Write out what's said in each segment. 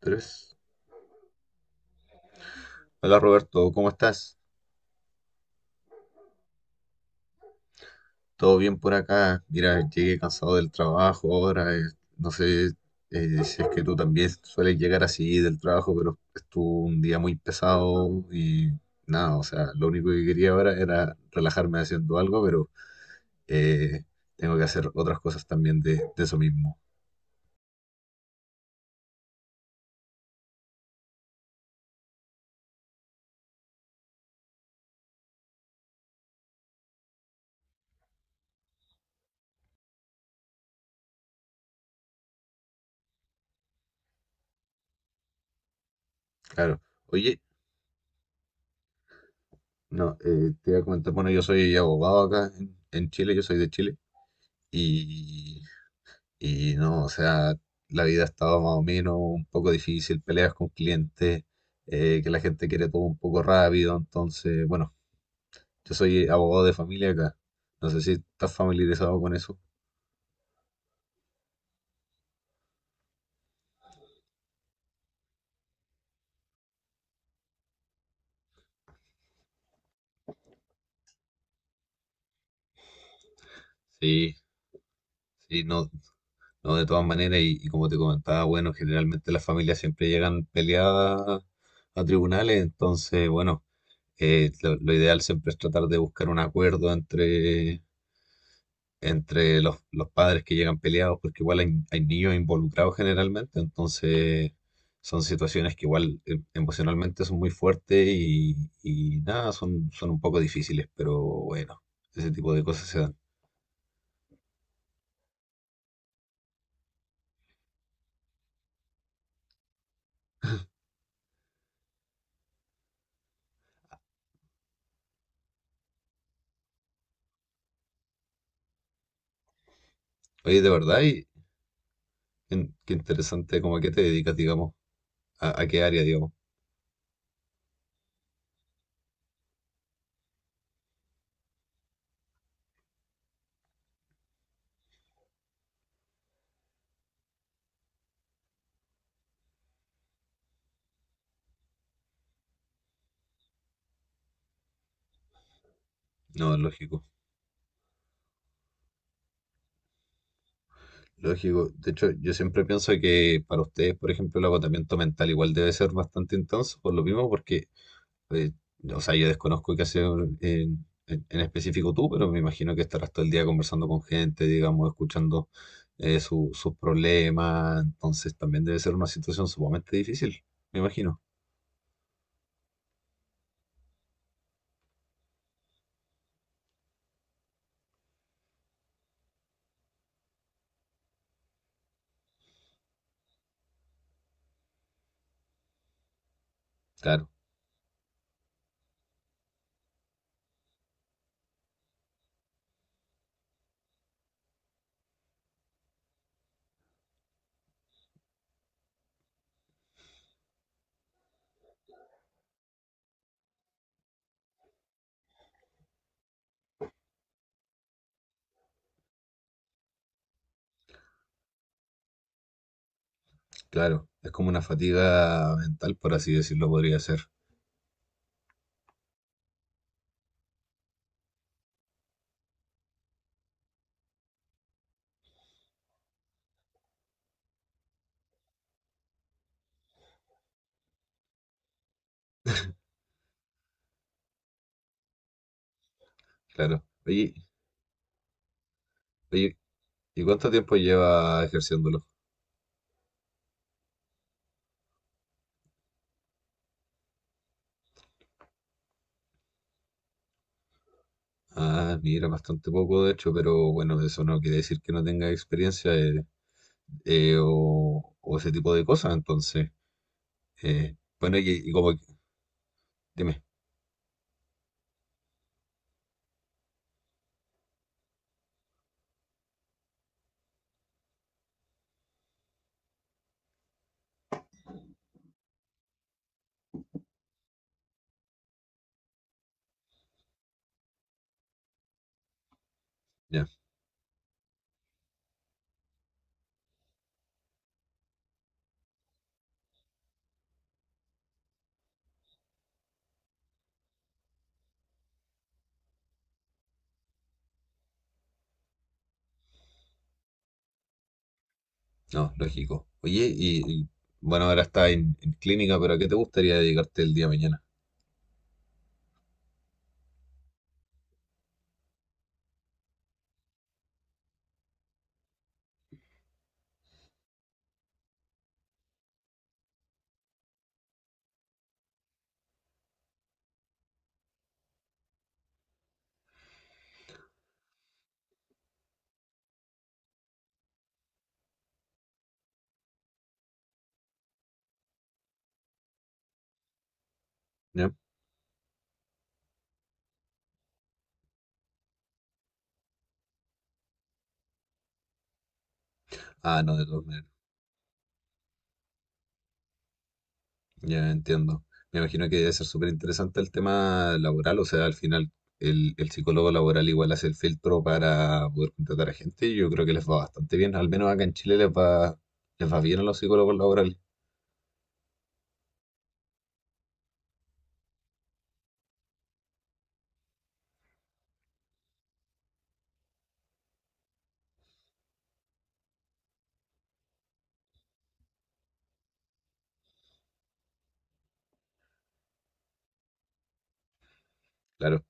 Tres. Hola Roberto, ¿cómo estás? ¿Todo bien por acá? Mira, llegué cansado del trabajo ahora. No sé, si es que tú también sueles llegar así del trabajo, pero estuvo un día muy pesado y nada, o sea, lo único que quería ahora era relajarme haciendo algo, pero eh, tengo que hacer otras cosas también de eso mismo. Claro. Oye, no, te iba a comentar, bueno, yo soy abogado acá en Chile, yo soy de Chile y. No, o sea, la vida ha estado más o menos un poco difícil, peleas con clientes, que la gente quiere todo un poco rápido, entonces, bueno, yo soy abogado de familia acá, no sé si estás familiarizado con eso. Sí, sí, no, no, de todas maneras, y como te comentaba, bueno, generalmente las familias siempre llegan peleadas a tribunales, entonces, bueno, lo ideal siempre es tratar de buscar un acuerdo entre los padres que llegan peleados, porque igual hay niños involucrados generalmente, entonces son situaciones que igual emocionalmente son muy fuertes y nada, son, son un poco difíciles, pero bueno, ese tipo de cosas se dan. Oye, de verdad, y, qué interesante, cómo a qué te dedicas, digamos, a qué área, digamos. No, lógico. Lógico, de hecho yo siempre pienso que para ustedes, por ejemplo, el agotamiento mental igual debe ser bastante intenso, por lo mismo, porque Eh, o sea, yo desconozco qué hacer, eh, en específico tú, pero me imagino que estarás todo el día conversando con gente, digamos, escuchando sus problemas, entonces también debe ser una situación sumamente difícil, me imagino. Claro, claro, es como una fatiga mental, por así decirlo, podría ser, claro. Oye, oye, ¿y cuánto tiempo lleva ejerciéndolo? Ah, mira, bastante poco, de hecho, pero bueno, eso no quiere decir que no tenga experiencia, o ese tipo de cosas, entonces. Bueno, y como, dime, ya, no, lógico. Oye, y, bueno, ahora está en clínica, pero ¿a qué te gustaría dedicarte el día de mañana? ¿Ya? Ah, no, de todas maneras, ya entiendo. Me imagino que debe ser súper interesante el tema laboral, o sea, al final el psicólogo laboral igual hace el filtro para poder contratar a gente y yo creo que les va bastante bien, al menos acá en Chile les va bien a los psicólogos laborales. Claro,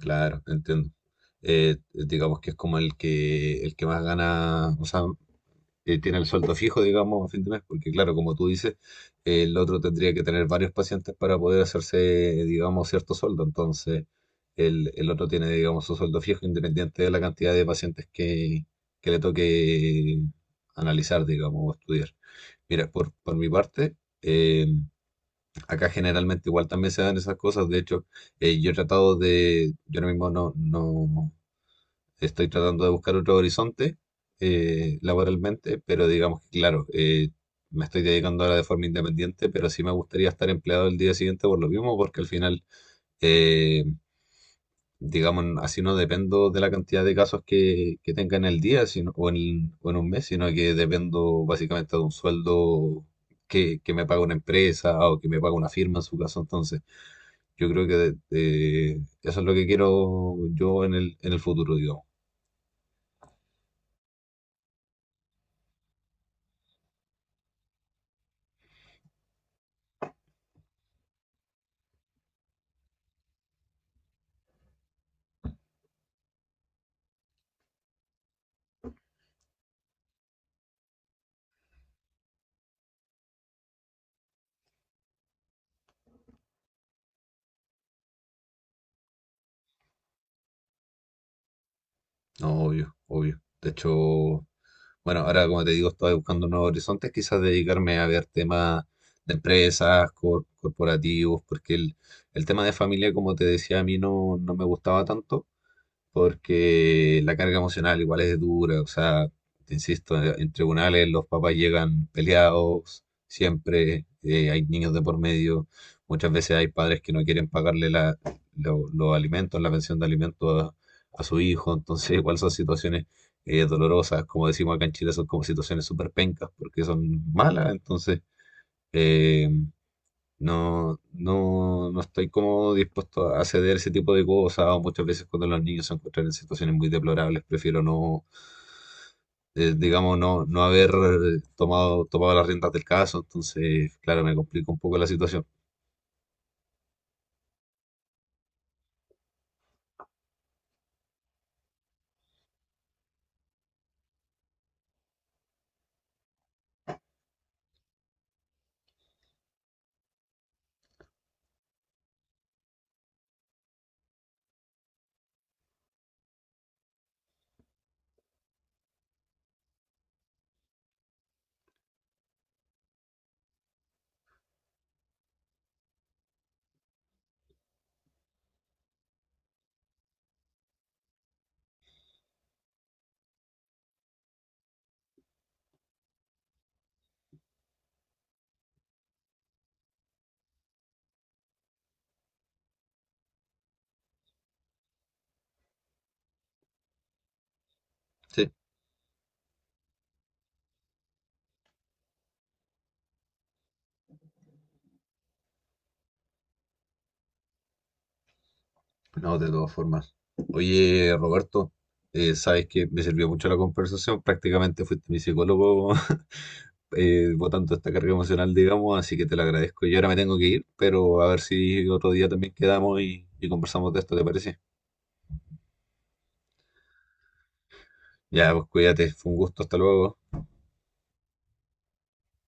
claro, entiendo, digamos que es como el que más gana, o sea, tiene el sueldo fijo, digamos, a fin de mes, porque claro, como tú dices, el otro tendría que tener varios pacientes para poder hacerse, digamos, cierto sueldo. Entonces, el otro tiene, digamos, su sueldo fijo independiente de la cantidad de pacientes que le toque analizar, digamos, o estudiar. Mira, por mi parte, eh, acá generalmente igual también se dan esas cosas. De hecho, yo he tratado de, yo ahora mismo no, no, estoy tratando de buscar otro horizonte, laboralmente, pero digamos que, claro, me estoy dedicando ahora de forma independiente, pero sí me gustaría estar empleado el día siguiente por lo mismo, porque al final, eh, digamos, así no dependo de la cantidad de casos que tenga en el día sino, o en un mes, sino que dependo básicamente de un sueldo que me paga una empresa o que me paga una firma en su caso. Entonces, yo creo que eso es lo que quiero yo en el futuro, digamos. No, obvio, obvio. De hecho, bueno, ahora como te digo, estoy buscando nuevos horizontes, quizás dedicarme a ver temas de empresas, corporativos, porque el tema de familia, como te decía, a mí no, no me gustaba tanto porque la carga emocional igual es dura, o sea, te insisto, en tribunales los papás llegan peleados, siempre hay niños de por medio, muchas veces hay padres que no quieren pagarle la, los alimentos, la pensión de alimentos a su hijo, entonces igual son situaciones dolorosas, como decimos acá en Chile, son como situaciones súper pencas, porque son malas, entonces… eh, no, no, no estoy como dispuesto a ceder ese tipo de cosas. O muchas veces cuando los niños se encuentran en situaciones muy deplorables, prefiero no, digamos, no, no haber tomado las riendas del caso. Entonces, claro, me complica un poco la situación. Sí. No, de todas formas. Oye, Roberto, sabes que me sirvió mucho la conversación. Prácticamente fuiste mi psicólogo botando esta carga emocional, digamos, así que te lo agradezco. Yo ahora me tengo que ir, pero a ver si otro día también quedamos y conversamos de esto, ¿te parece? Ya, pues cuídate, fue un gusto, hasta luego.